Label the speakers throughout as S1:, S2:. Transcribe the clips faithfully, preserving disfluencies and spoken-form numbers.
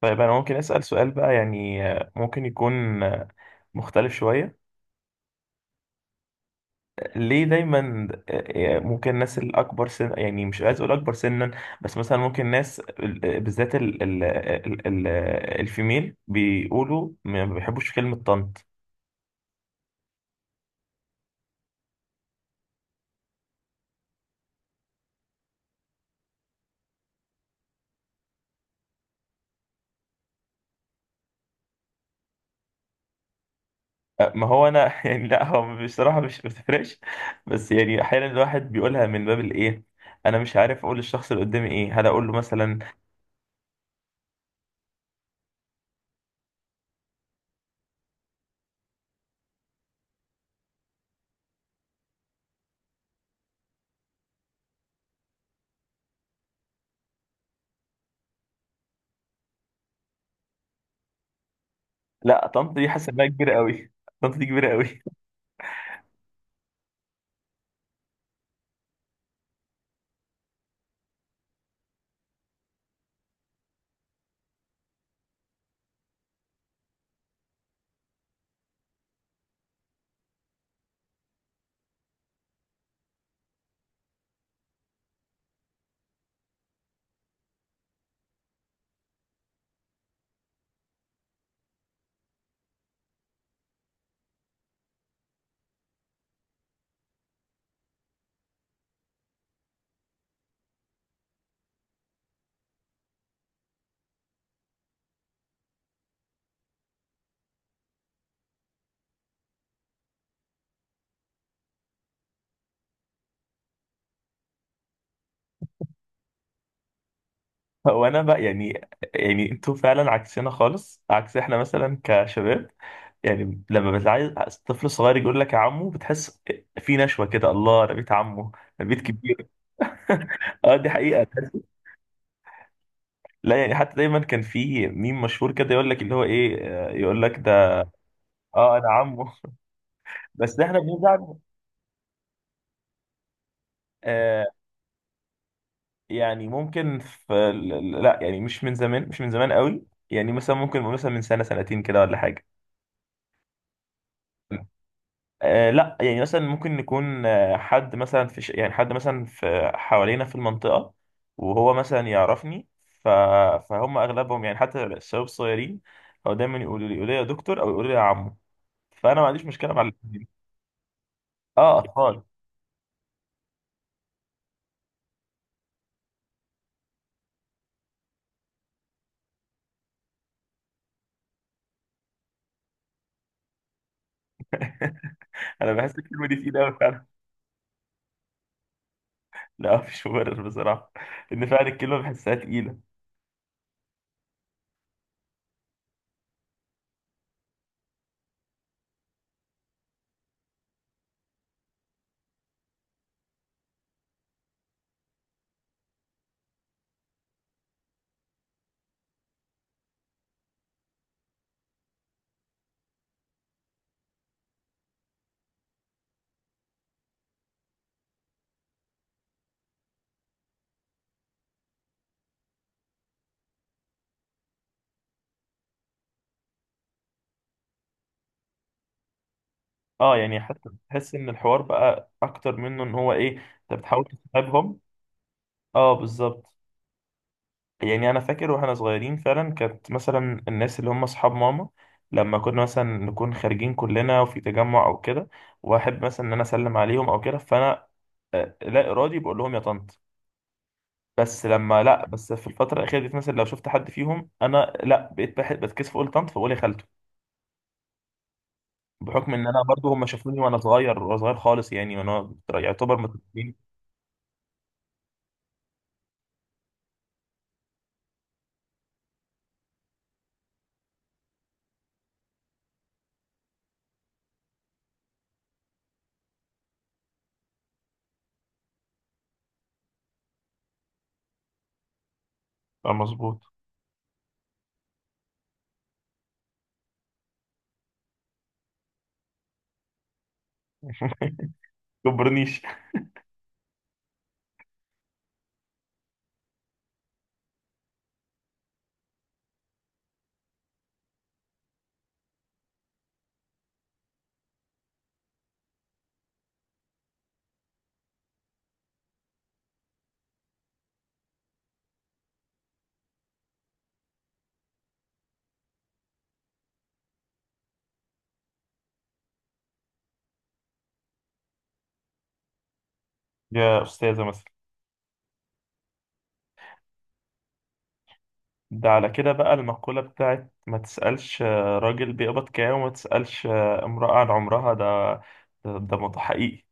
S1: طيب، أنا ممكن أسأل سؤال بقى يعني؟ ممكن يكون مختلف شوية. ليه دايما ممكن الناس الأكبر سن، يعني مش عايز أقول أكبر سنا، بس مثلا ممكن ناس بالذات ال... ال... ال... ال... الفيميل بيقولوا ما بيحبوش كلمة طنط؟ ما هو أنا يعني لا، هو بصراحة مش ما بتفرقش، بس يعني أحيانا الواحد بيقولها من باب الإيه. أنا مش عارف أقول للشخص اللي قدامي إيه، هل أقول له مثلا: لا، طنط دي حاسس إنها كبيرة أوي، طنط دي كبيرة أوي. هو انا بقى يعني، يعني انتوا فعلا عكسنا خالص عكس. احنا مثلا كشباب يعني لما بتعايز طفل صغير يقول لك يا عمو، بتحس في نشوة كده، الله، انا بيت عمه، انا بيت كبير. اه، دي حقيقة. لا يعني، حتى دايما كان في ميم مشهور كده يقول لك اللي هو ايه، آه، يقول لك ده. اه، انا عمه بس احنا بنزعل. آه، يعني ممكن في ال- ال- لا، يعني مش من زمان، مش من زمان قوي. يعني مثلا ممكن نقول مثلا من سنة سنتين كده ولا حاجة. آه لا، يعني مثلا ممكن نكون، آه، حد مثلا في ش... يعني حد مثلا في حوالينا في المنطقة وهو مثلا يعرفني. ف... فهم أغلبهم يعني حتى الشباب الصغيرين هو دايما يقولوا لي يقولوا لي يا دكتور، أو يقولوا لي يا عمو. فأنا ما عنديش مشكلة مع الاتنين. اه، أطفال. أنا بحس الكلمة دي تقيلة أوي فعلا. لا، مفيش مبرر بصراحة، إن فعلا الكلمة بحسها تقيلة. اه، يعني حتى بحس إن الحوار بقى أكتر، منه إن هو إيه، أنت بتحاول تسحبهم. اه، بالظبط. يعني انا فاكر واحنا صغيرين فعلا، كانت مثلا الناس اللي هم اصحاب ماما، لما كنا مثلا نكون خارجين كلنا وفي تجمع او كده، واحب مثلا ان انا اسلم عليهم او كده، فانا آه، لا ارادي بقول لهم يا طنط. بس لما لا، بس في الفتره الاخيره دي مثلا لو شفت حد فيهم انا، لا بقيت بحب، بتكسف اقول طنط، فبقول يا خالته. بحكم ان انا برضو هم شافوني وانا صغير، وانا صغير خالص يعني، وانا يعتبر متربيين. آه، مظبوط. كبرنيش. يا استاذه مثلا. ده على كده بقى المقولة بتاعت ما تسألش آه، راجل بيقبض كام، وما تسألش آه، امرأة عن عمرها، ده ده, ده مت- حقيقي.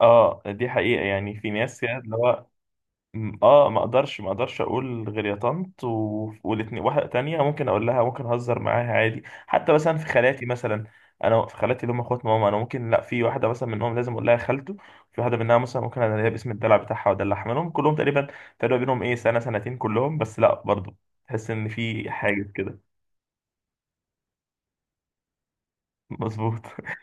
S1: اه، دي حقيقة. يعني في ناس يعني اللي هو م- اه، ما اقدرش ما اقدرش اقول غير يا طنط، و... والاتنين. واحده تانية ممكن اقول لها، ممكن اهزر معاها عادي، حتى مثلا في خالاتي مثلا. انا في خالاتي اللي هم اخوات ماما، انا ممكن لا، في واحده مثلا منهم لازم اقول لها خالته، في واحده منها مثلا ممكن انا ليا باسم الدلع بتاعها وادلعها، منهم كلهم تقريبا. فرق بينهم ايه؟ سنه سنتين كلهم، بس لا برضه تحس ان في حاجه كده. مظبوط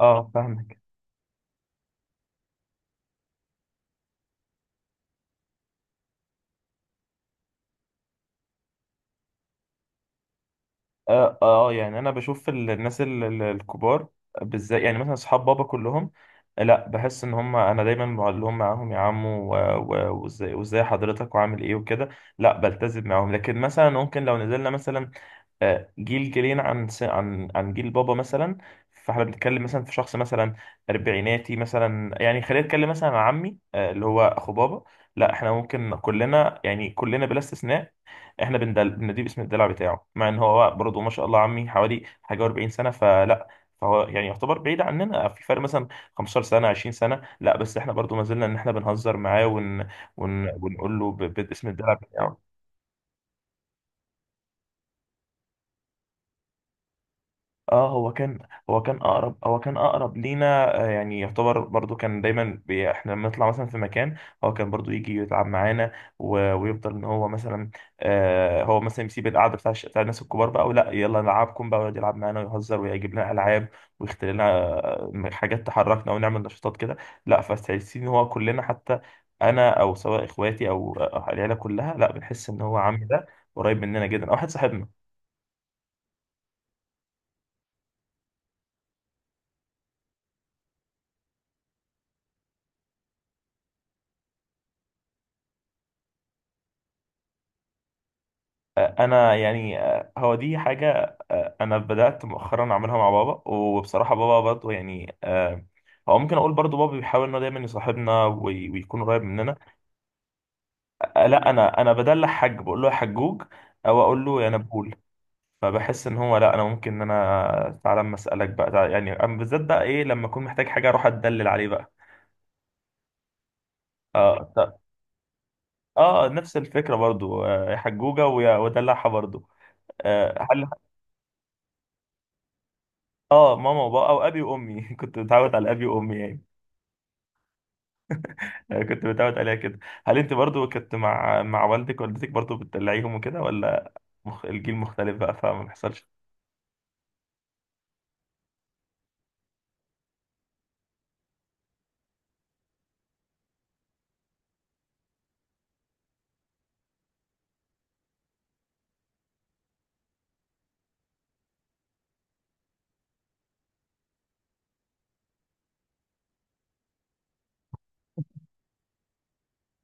S1: اه، فاهمك. اه اه، يعني انا بشوف ال- الناس ال- ال- الكبار بالذات، يعني مثلا اصحاب بابا كلهم، لا بحس ان هم، انا دايما بقول لهم معاهم يا عم، و- و- وازاي، وازاي حضرتك وعامل ايه وكده. لا بلتزم معاهم. لكن مثلا ممكن لو نزلنا مثلا آه، جيل جيلين عن س- عن عن جيل بابا مثلا، فاحنا بنتكلم مثلا في شخص مثلا اربعيناتي مثلا، يعني خلينا نتكلم مثلا عن عمي آه، اللي هو اخو بابا، لا احنا ممكن كلنا يعني كلنا بلا استثناء احنا بندل... بنديه باسم الدلع بتاعه، مع ان هو برضه ما شاء الله عمي حوالي حاجه و40 سنه، فلا، فهو يعني يعتبر بعيد عننا في فرق مثلا خمسة عشر سنه عشرين سنه. لا، بس احنا برضه ما زلنا ان احنا بنهزر معاه، ون... ون... ونقول له ب... باسم الدلع بتاعه. اه، هو كان هو كان اقرب هو كان اقرب لينا. آه، يعني يعتبر برضو كان دايما بي، احنا لما نطلع مثلا في مكان هو كان برضو يجي يتعب معانا، و- ويفضل ان هو مثلا آه هو مثلا يسيب القعده بتاع الش- بتاع الناس الكبار بقى، ولا يلا نلعبكم بقى، ويقعد يلعب معانا ويهزر ويجيب لنا العاب، ويختار لنا آه، حاجات تحركنا، ونعمل نشاطات كده. لا، فاستحسين ان هو كلنا، حتى انا، او سواء اخواتي، او آه، العيله كلها، لا بنحس ان هو عمي ده قريب مننا جدا، او واحد صاحبنا. انا يعني آه، هو دي حاجه آه، انا بدات مؤخرا اعملها مع بابا. وبصراحه بابا برضه يعني آه، هو ممكن اقول برضه بابا بيحاول انه دايما يصاحبنا، وي- ويكون قريب مننا. آه، لا، انا انا بدلع حاج، بقول له يا حجوج، او اقول له يا نبول. فبحس ان هو، لا، انا ممكن ان انا تعالى اما اسالك بقى، تعالى يعني، أما بالذات بقى ايه لما اكون محتاج حاجه، اروح اتدلل عليه بقى. اه ط- اه، نفس الفكره برضو. آه، يا حجوجه ويا، ودلعها برضو. آه، هل اه، ماما وبابا، او ابي وامي كنت متعود على ابي وامي يعني. آه، كنت متعود عليها كده. هل انت برضو كنت مع مع والدك والدتك برضو بتدلعيهم وكده، ولا مخ... الجيل مختلف بقى فما بيحصلش؟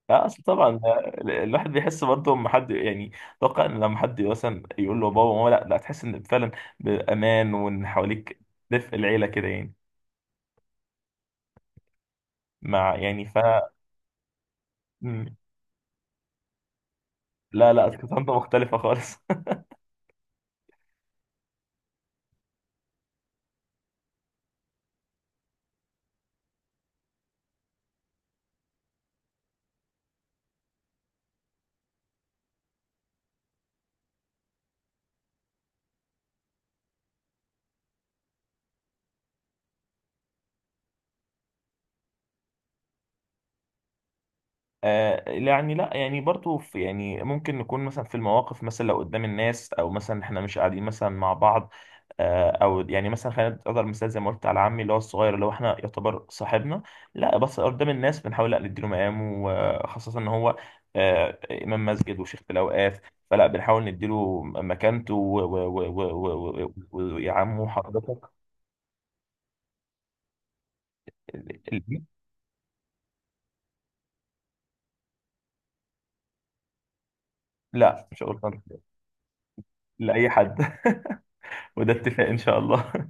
S1: لا، اصل طبعا آه، ال- الواحد بيحس برضو لما حد، يعني اتوقع ان لما حد مثلا يقول له بابا وماما، لا لا، تحس ان فعلا بامان، وان حواليك دفء العيله كده يعني، مع يعني ف مم. لا لا، كانت انت مختلفه خالص. آه يعني، لا يعني برضو في، يعني ممكن نكون مثلا في المواقف مثلا لو قدام الناس، او مثلا احنا مش قاعدين مثلا مع بعض، آه او يعني مثلا خلينا نقدر مثال زي ما قلت على عمي اللي هو الصغير، اللي هو احنا يعتبر صاحبنا، لا بس قدام الناس بنحاول لا نديله مقامه، وخاصة ان هو آه، امام مسجد وشيخ الاوقاف، فلا بنحاول نديله مكانته و- و- و- و- و- و- ويا عمو حضرتك. ال- ال- لا، مش هقول حضرتك، لاي حد. وده اتفاق ان شاء الله.